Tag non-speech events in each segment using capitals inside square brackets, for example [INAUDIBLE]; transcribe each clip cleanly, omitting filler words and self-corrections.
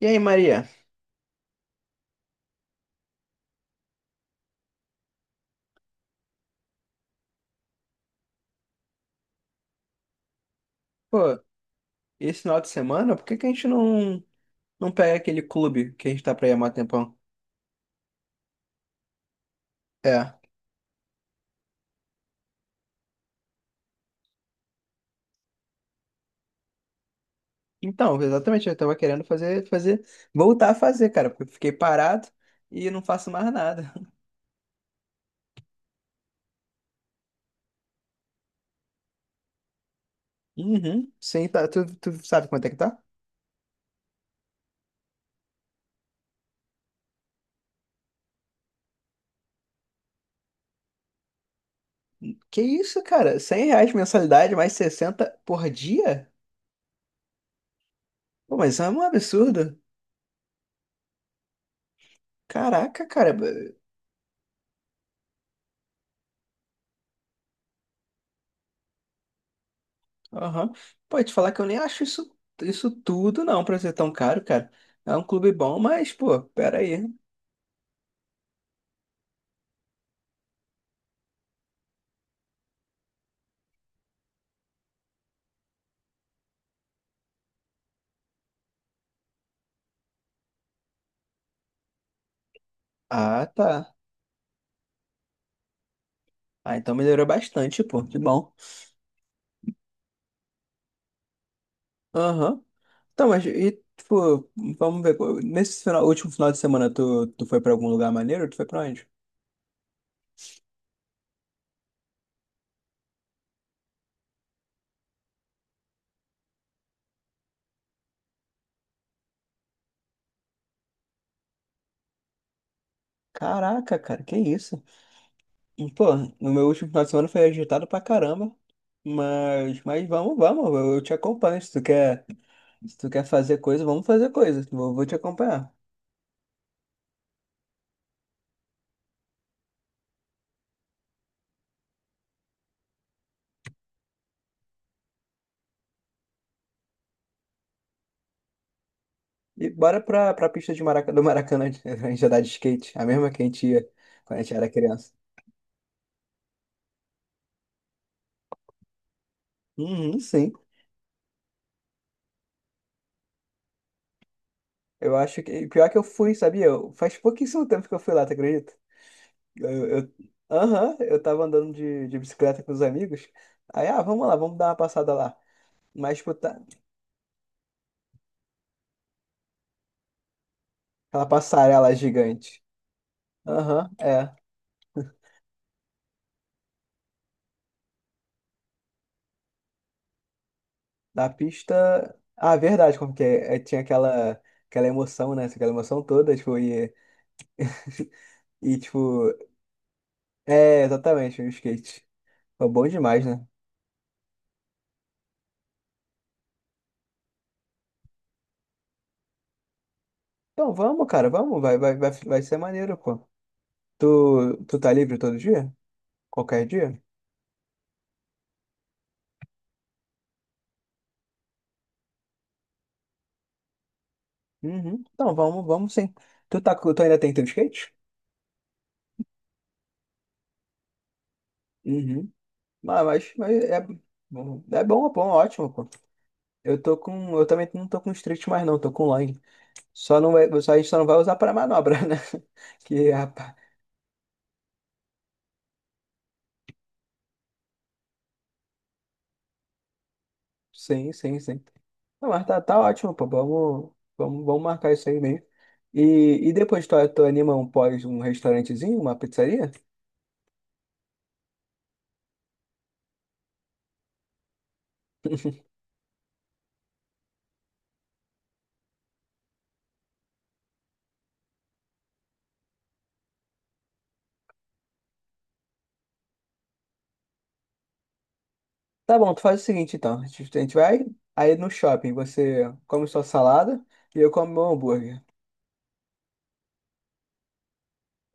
E aí, Maria? Pô, esse final de semana, por que que a gente não pega aquele clube que a gente tá pra ir há mó tempão? É. Então, exatamente, eu tava querendo voltar a fazer, cara, porque eu fiquei parado e não faço mais nada. [LAUGHS] Uhum. Sim, tá, tu sabe quanto é que tá? Que isso, cara? R$ 100 mensalidade, mais 60 por dia? Pô, mas isso é um absurdo. Caraca, cara. Aham. Pô, te falar que eu nem acho isso tudo, não, pra ser tão caro, cara. É um clube bom, mas, pô, peraí. Ah, tá. Ah, então melhorou bastante, pô. Que bom. Aham. Então, mas e, tipo, vamos ver. Pô, nesse último final de semana, tu foi pra algum lugar maneiro? Tu foi pra onde? Caraca, cara, que isso? E, pô, no meu último final de semana foi agitado pra caramba. Mas vamos, vamos. Eu te acompanho. Se tu quer fazer coisa, vamos fazer coisa. Vou te acompanhar. E bora pra pista de do Maracanã, [LAUGHS] a gente andar de skate. A mesma que a gente ia quando a gente era criança. Uhum, sim. Eu acho que. Pior que eu fui, sabia? Faz pouquíssimo tempo que eu fui lá, tu acredita? Eu. Aham, eu tava andando de bicicleta com os amigos. Aí, ah, vamos lá, vamos dar uma passada lá. Mas, tipo, puta, aquela passarela gigante. Aham, é. Da pista. Ah, verdade, como que é? É, tinha aquela emoção, né? Aquela emoção toda, tipo, e, [LAUGHS] e tipo. É, exatamente, o skate. Foi bom demais, né? Então vamos, cara, vamos, vai, vai, vai, vai ser maneiro, pô. Tu, tu tá livre todo dia? Qualquer dia? Uhum. Então, vamos, vamos sim. Tu ainda tem teu skate? Uhum. Mas é bom, é bom, ótimo, pô. Eu também não tô com street mais, não, tô com long. Só não vai, só, a gente só não vai usar pra manobra, né? [LAUGHS] Que, rapaz. Sim, sim, sim. Não, mas tá ótimo, pô. Vamos, vamos, vamos marcar isso aí mesmo. E depois tu anima um restaurantezinho, uma pizzaria? Tá bom, tu faz o seguinte então. A gente vai aí no shopping, você come sua salada e eu como meu hambúrguer.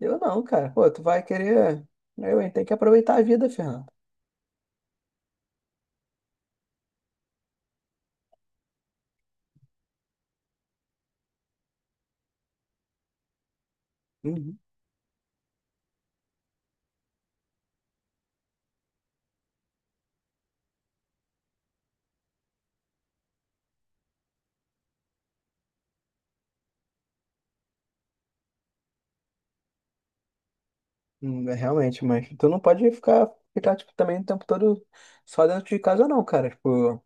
Eu não, cara. Pô, tu vai querer. Eu, hein? Tem que aproveitar a vida, Fernando. Uhum. É, realmente, mas tu não pode ficar tipo, também o tempo todo só dentro de casa, não, cara. Tipo,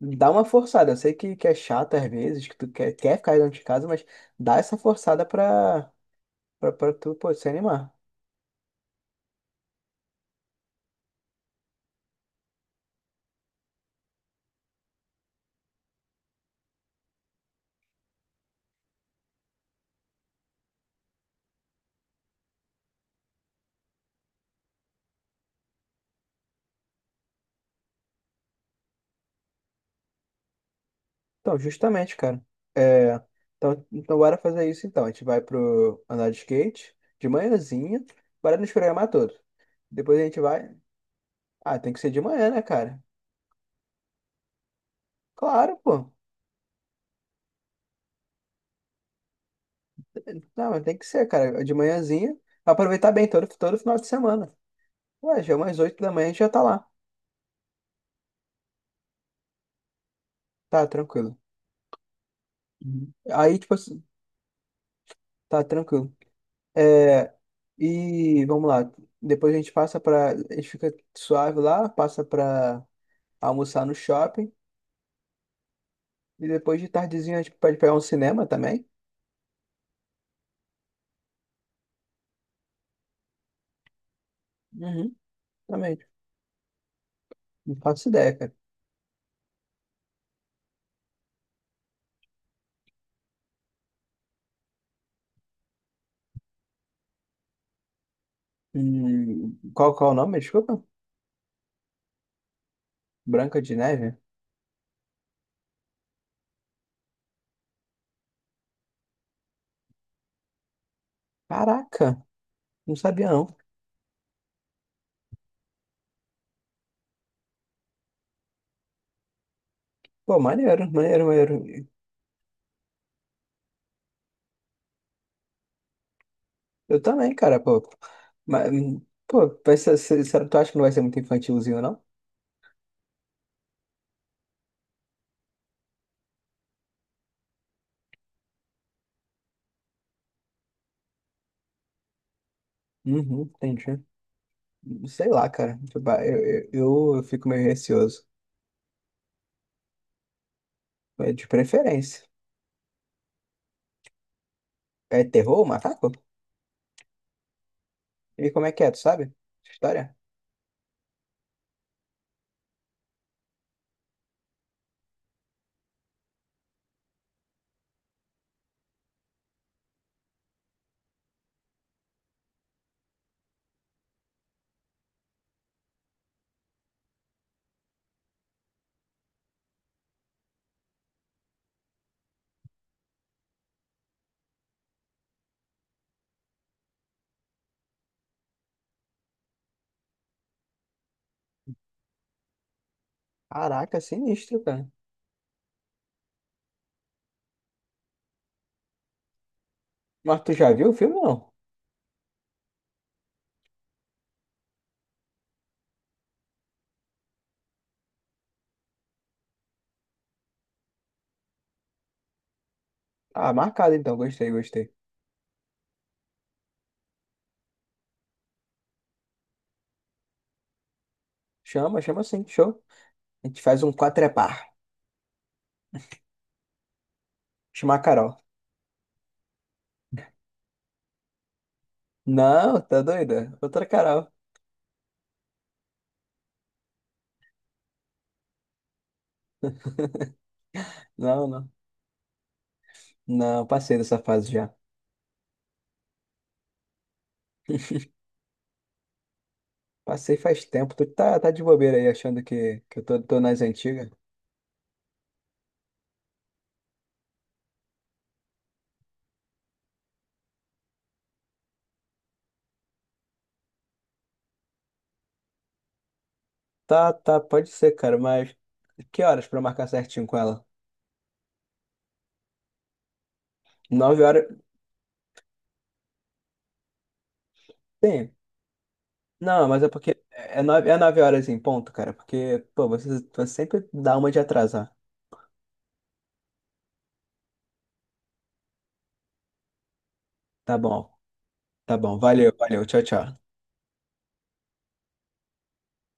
dá uma forçada. Eu sei que é chato às vezes, que tu quer ficar dentro de casa, mas dá essa forçada pra tu, pô, se animar. Então, justamente, cara. É, então, bora fazer isso então. A gente vai pro andar de skate de manhãzinha, bora nos programar todo. Depois a gente vai. Ah, tem que ser de manhã, né, cara? Claro, pô. Não, mas tem que ser, cara. De manhãzinha. Aproveitar bem todo final de semana. Ué, já é umas 8 da manhã a gente já tá lá. Tá, tranquilo. Uhum. Aí, tipo assim, tá tranquilo. É, e vamos lá. Depois a gente passa pra. A gente fica suave lá, passa pra almoçar no shopping. E depois de tardezinha a gente pode pegar um cinema também? Uhum, também. Tipo, não faço ideia, cara. Qual é o nome? Desculpa. Branca de Neve? Caraca, não sabia não. Pô, maneiro, maneiro, maneiro. Eu também, cara, pô. Mas, pô, vai ser, será que tu acha que não vai ser muito infantilzinho, não? Uhum, entendi. Sei lá, cara. Tipo, ah, Eu fico meio receoso. É de preferência. É terror, o macaco? E como é que é, tu sabe? História? Caraca, sinistro, cara. Mas tu já viu o filme, ou não? Ah, marcado então, gostei, gostei. Chama, chama sim, show. A gente faz um quatrepar. Chama a Carol. Não, tá doida? Outra Carol. Não, não. Não, passei dessa fase já. Passei faz tempo. Tu tá de bobeira aí, achando que eu tô nas antigas. Tá, tá, pode ser, cara, mas que horas pra eu marcar certinho com ela? 9 horas? Sim. Não, mas é porque é 9 horas em ponto, cara, porque, pô, você sempre dá uma de atrasar. Tá bom, tá bom. Valeu, valeu. Tchau, tchau.